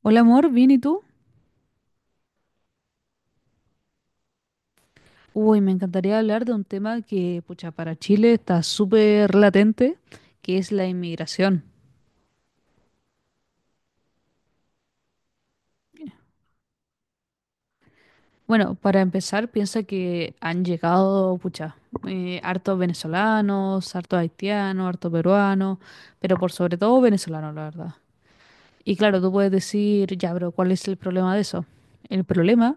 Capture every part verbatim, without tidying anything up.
Hola amor, ¿bien y tú? Uy, me encantaría hablar de un tema que, pucha, para Chile está súper latente, que es la inmigración. Bueno, para empezar, piensa que han llegado, pucha, eh, hartos venezolanos, hartos haitianos, hartos peruanos, pero por sobre todo venezolanos, la verdad. Y claro, tú puedes decir, ya, pero ¿cuál es el problema de eso? El problema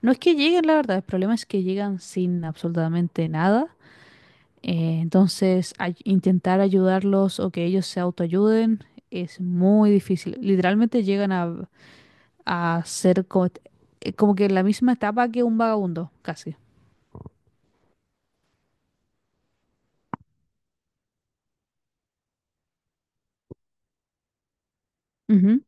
no es que lleguen, la verdad, el problema es que llegan sin absolutamente nada. Eh, entonces, ay- intentar ayudarlos o que ellos se autoayuden es muy difícil. Literalmente llegan a, a ser como, eh, como que en la misma etapa que un vagabundo, casi. Ujú,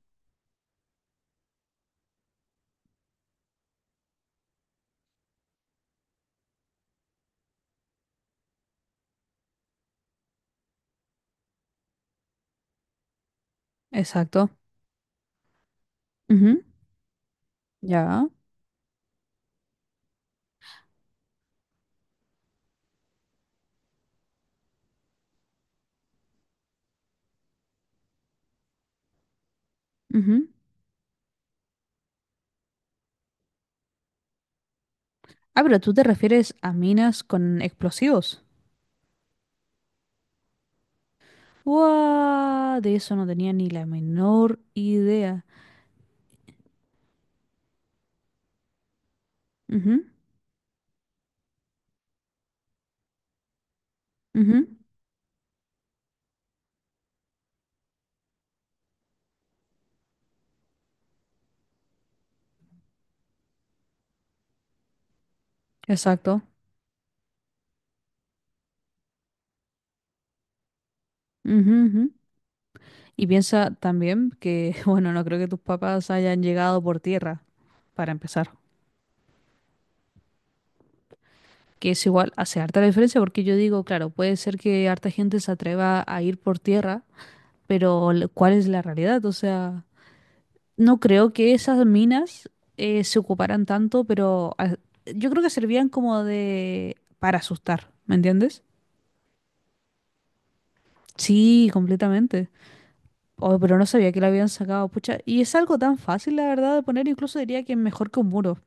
exacto. Ujú, ya. Ujú. Ah, pero tú te refieres a minas con explosivos. ¡Guau! De eso no tenía ni la menor idea. Ujú, ujú. Exacto. Ujú, ujú. Y piensa también que, bueno, no creo que tus papás hayan llegado por tierra, para empezar. Que es igual, hace harta diferencia porque yo digo, claro, puede ser que harta gente se atreva a ir por tierra, pero l- ¿cuál es la realidad? O sea, no creo que esas minas eh, se ocuparan tanto, pero ah, yo creo que servían como de, para asustar, ¿me entiendes? Sí, completamente. Oh, pero no sabía que la habían sacado, pucha. Y es algo tan fácil, la verdad, de poner, incluso diría que mejor que un muro.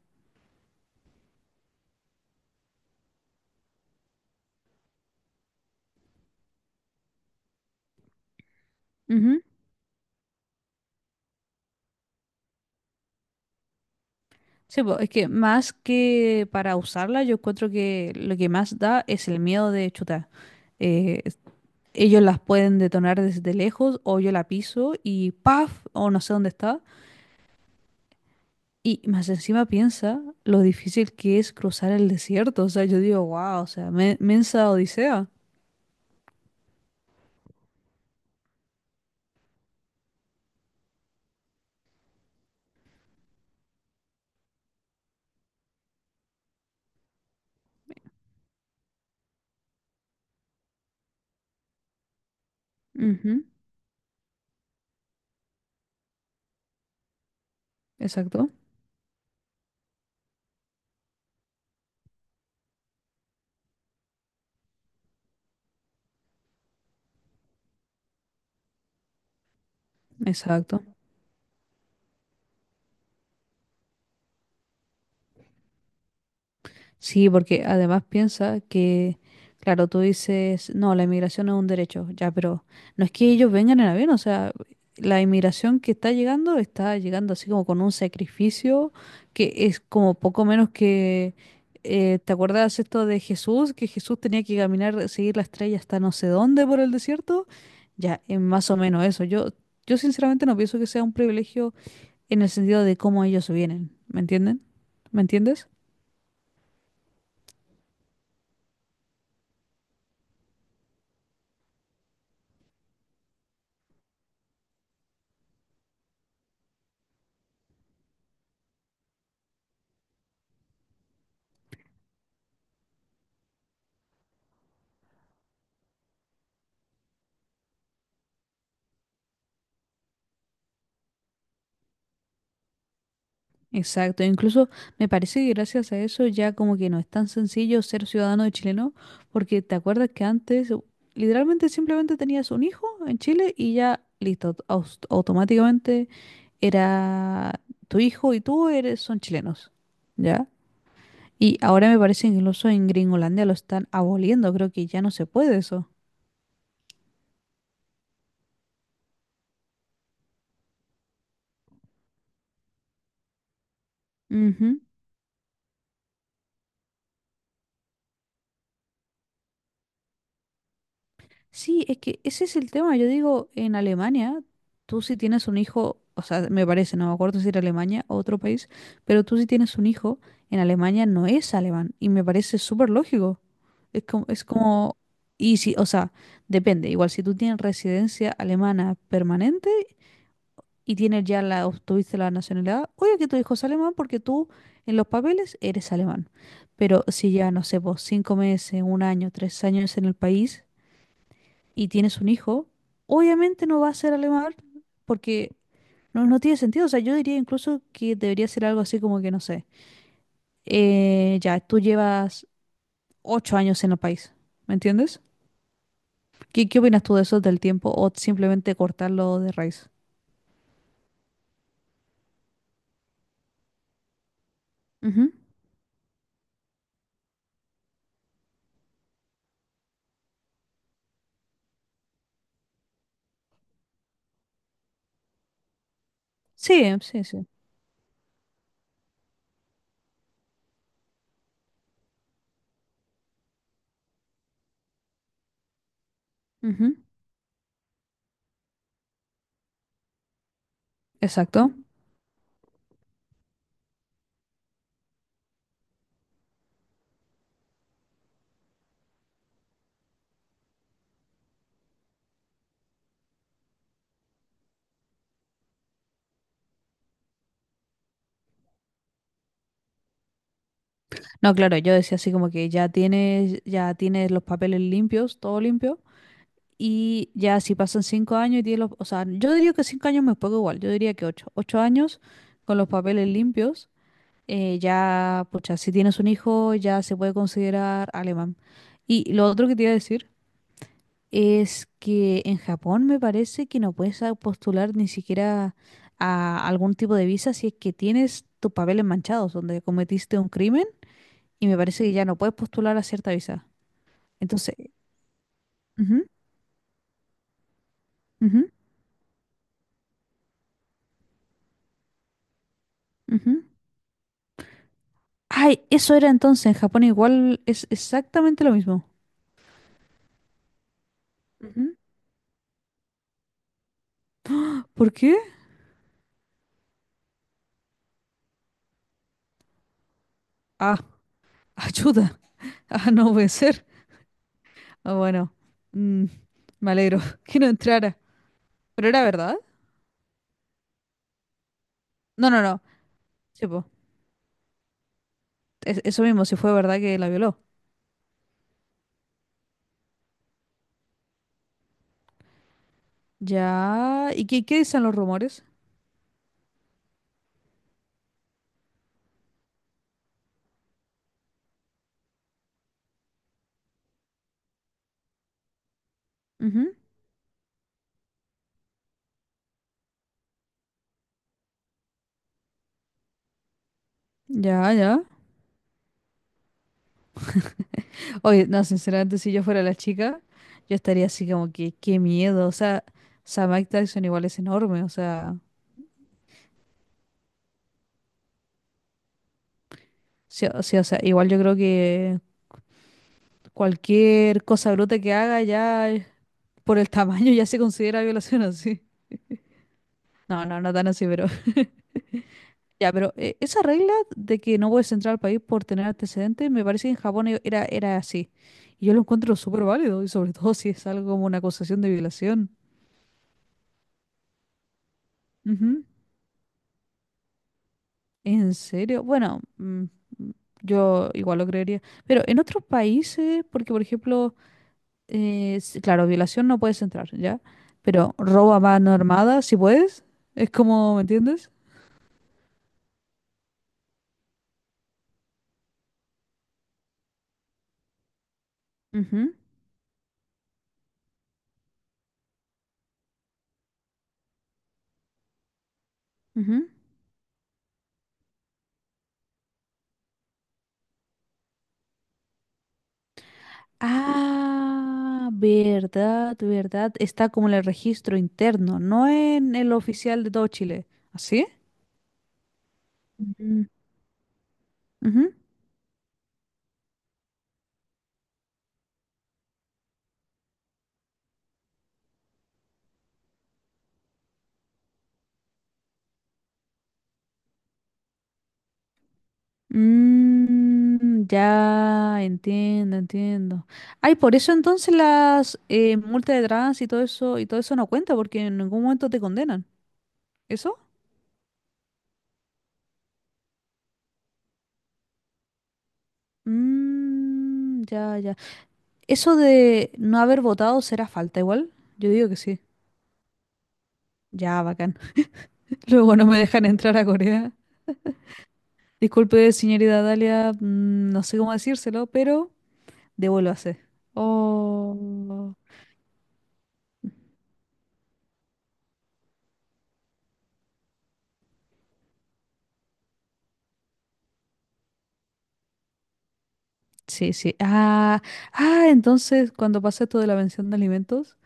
Ujú. Sí, po, es que más que para usarla, yo encuentro que lo que más da es el miedo de chutar. Eh, es- Ellos las pueden detonar desde lejos o yo la piso y ¡paf! O no sé dónde está. Y más encima piensa lo difícil que es cruzar el desierto. O sea, yo digo, wow, o sea, me- mensa odisea. Ujú. Exacto, exacto. Sí, porque además piensa que, claro, tú dices, no, la inmigración es un derecho, ya, pero no es que ellos vengan en avión, o sea, la inmigración que está llegando está llegando así como con un sacrificio que es como poco menos que, eh, ¿te acuerdas esto de Jesús? Que Jesús tenía que caminar, seguir la estrella hasta no sé dónde por el desierto, ya, es más o menos eso. Yo, yo sinceramente no pienso que sea un privilegio en el sentido de cómo ellos vienen, ¿me entienden? ¿Me entiendes? Exacto, incluso me parece que gracias a eso ya como que no es tan sencillo ser ciudadano de chileno, porque te acuerdas que antes u- literalmente simplemente tenías un hijo en Chile y ya listo, aus- automáticamente era tu hijo y tú eres son chilenos, ¿ya? Y ahora me parece que incluso en Gringolandia lo están aboliendo, creo que ya no se puede eso. Ujú. Sí, es que ese es el tema. Yo digo, en Alemania, tú si tienes un hijo, o sea, me parece, no me acuerdo si era Alemania o otro país, pero tú si tienes un hijo, en Alemania no es alemán. Y me parece súper lógico. Es como, es como, y si, o sea, depende. Igual si tú tienes residencia alemana permanente y tienes ya la, obtuviste la nacionalidad, oye que tu hijo es alemán porque tú en los papeles eres alemán. Pero si ya, no sé, vos cinco meses, un año, tres años en el país y tienes un hijo, obviamente no va a ser alemán porque no, no tiene sentido. O sea, yo diría incluso que debería ser algo así como que, no sé, eh, ya, tú llevas ocho años en el país, ¿me entiendes? ¿Qué, qué opinas tú de eso del tiempo o simplemente cortarlo de raíz? Ujú. Sí, sí, sí. Ujú. Exacto. No, claro, yo decía así como que ya tienes, ya tienes los papeles limpios, todo limpio. Y ya si pasan cinco años y tiene los, o sea, yo diría que cinco años me es igual, yo diría que ocho, ocho años con los papeles limpios, eh, ya, pucha, si tienes un hijo ya se puede considerar alemán. Y lo otro que te iba a decir es que en Japón me parece que no puedes a- postular ni siquiera a algún tipo de visa si es que tienes tus papeles manchados, donde cometiste un crimen, y me parece que ya no puedes postular a cierta visa. Entonces, ujú, ujú, ujú. Ay, eso era entonces. En Japón igual es exactamente lo mismo. Ujú. ¿Por qué? Ah, ayuda. Ah, no puede ser. Ah, bueno. Mm, Me alegro que no entrara. ¿Pero era verdad? No, no, no. Sí, po. Es- eso mismo, si fue verdad que la violó. Ya. ¿Y qué, qué dicen los rumores? Ujú. Ya, ya. Oye, no, sinceramente, si yo fuera la chica, yo estaría así como que, qué miedo. O sea, o sea, Mike Tyson igual es enorme. O sea, sí, o sí, o sea, igual yo creo que. Cualquier cosa bruta que haga ya eh, por el tamaño ya se considera violación así. No, no, no tan así, pero ya, pero eh, esa regla de que no puedes entrar al país por tener antecedentes, me parece que en Japón e- era, era así. Y yo lo encuentro súper válido, y sobre todo si es algo como una acusación de violación. Ujú. ¿En serio? Bueno, mm, mm, yo igual lo creería. Pero en otros países, porque por ejemplo, eh, s- claro, violación no puedes entrar, ¿ya? Pero robo a mano armada, si puedes. Es como, ¿me entiendes? Ujú, ujú. Ah, verdad, verdad. Está como en el registro interno, no en el oficial de todo Chile. ¿Así? Ujú, ujú. Mm, ya entiendo, entiendo. Ay, por eso entonces las eh, multas de trans y todo eso y todo eso no cuenta porque en ningún momento te condenan. ¿Eso? Mm, ya, ya. ¿Eso de no haber votado será falta igual? Yo digo que sí. Ya, bacán. Luego no me dejan entrar a Corea. Disculpe, señorita Dalia, mm, no sé cómo decírselo, pero devuelvo a hacer. Oh. Sí, sí. Ah, ah, entonces cuando pasa esto de la pensión de alimentos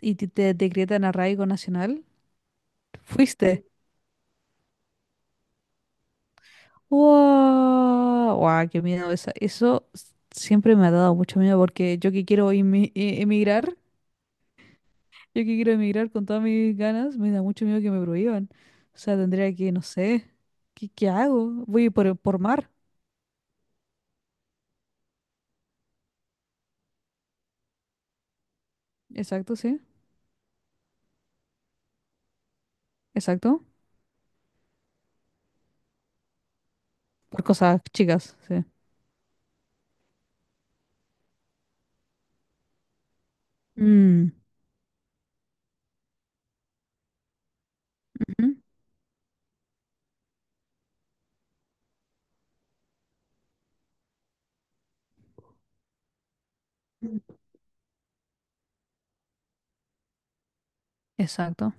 y te, te decretan arraigo nacional, fuiste. ¡Wow! ¡Wow! ¡Qué miedo! Eso, eso s- siempre me ha dado mucho miedo porque yo que quiero emi- e- emigrar. Yo que quiero emigrar con todas mis ganas, me da mucho miedo que me prohíban. O sea, tendría que, no sé, ¿qué, qué hago? Voy por, por mar. Exacto, sí. Exacto. Por cosas chicas, sí. Mm, ujú. Exacto.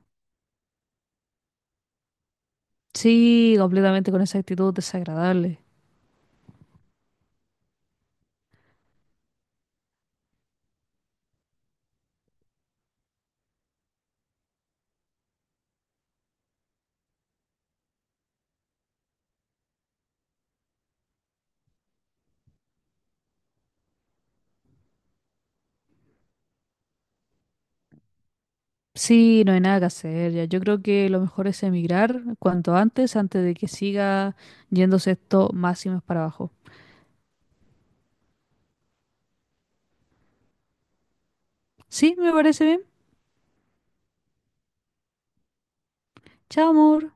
Sí, completamente con esa actitud desagradable. Sí, no hay nada que hacer ya. Yo creo que lo mejor es emigrar cuanto antes, antes de que siga yéndose esto más y más para abajo. Sí, me parece bien. Chao, amor.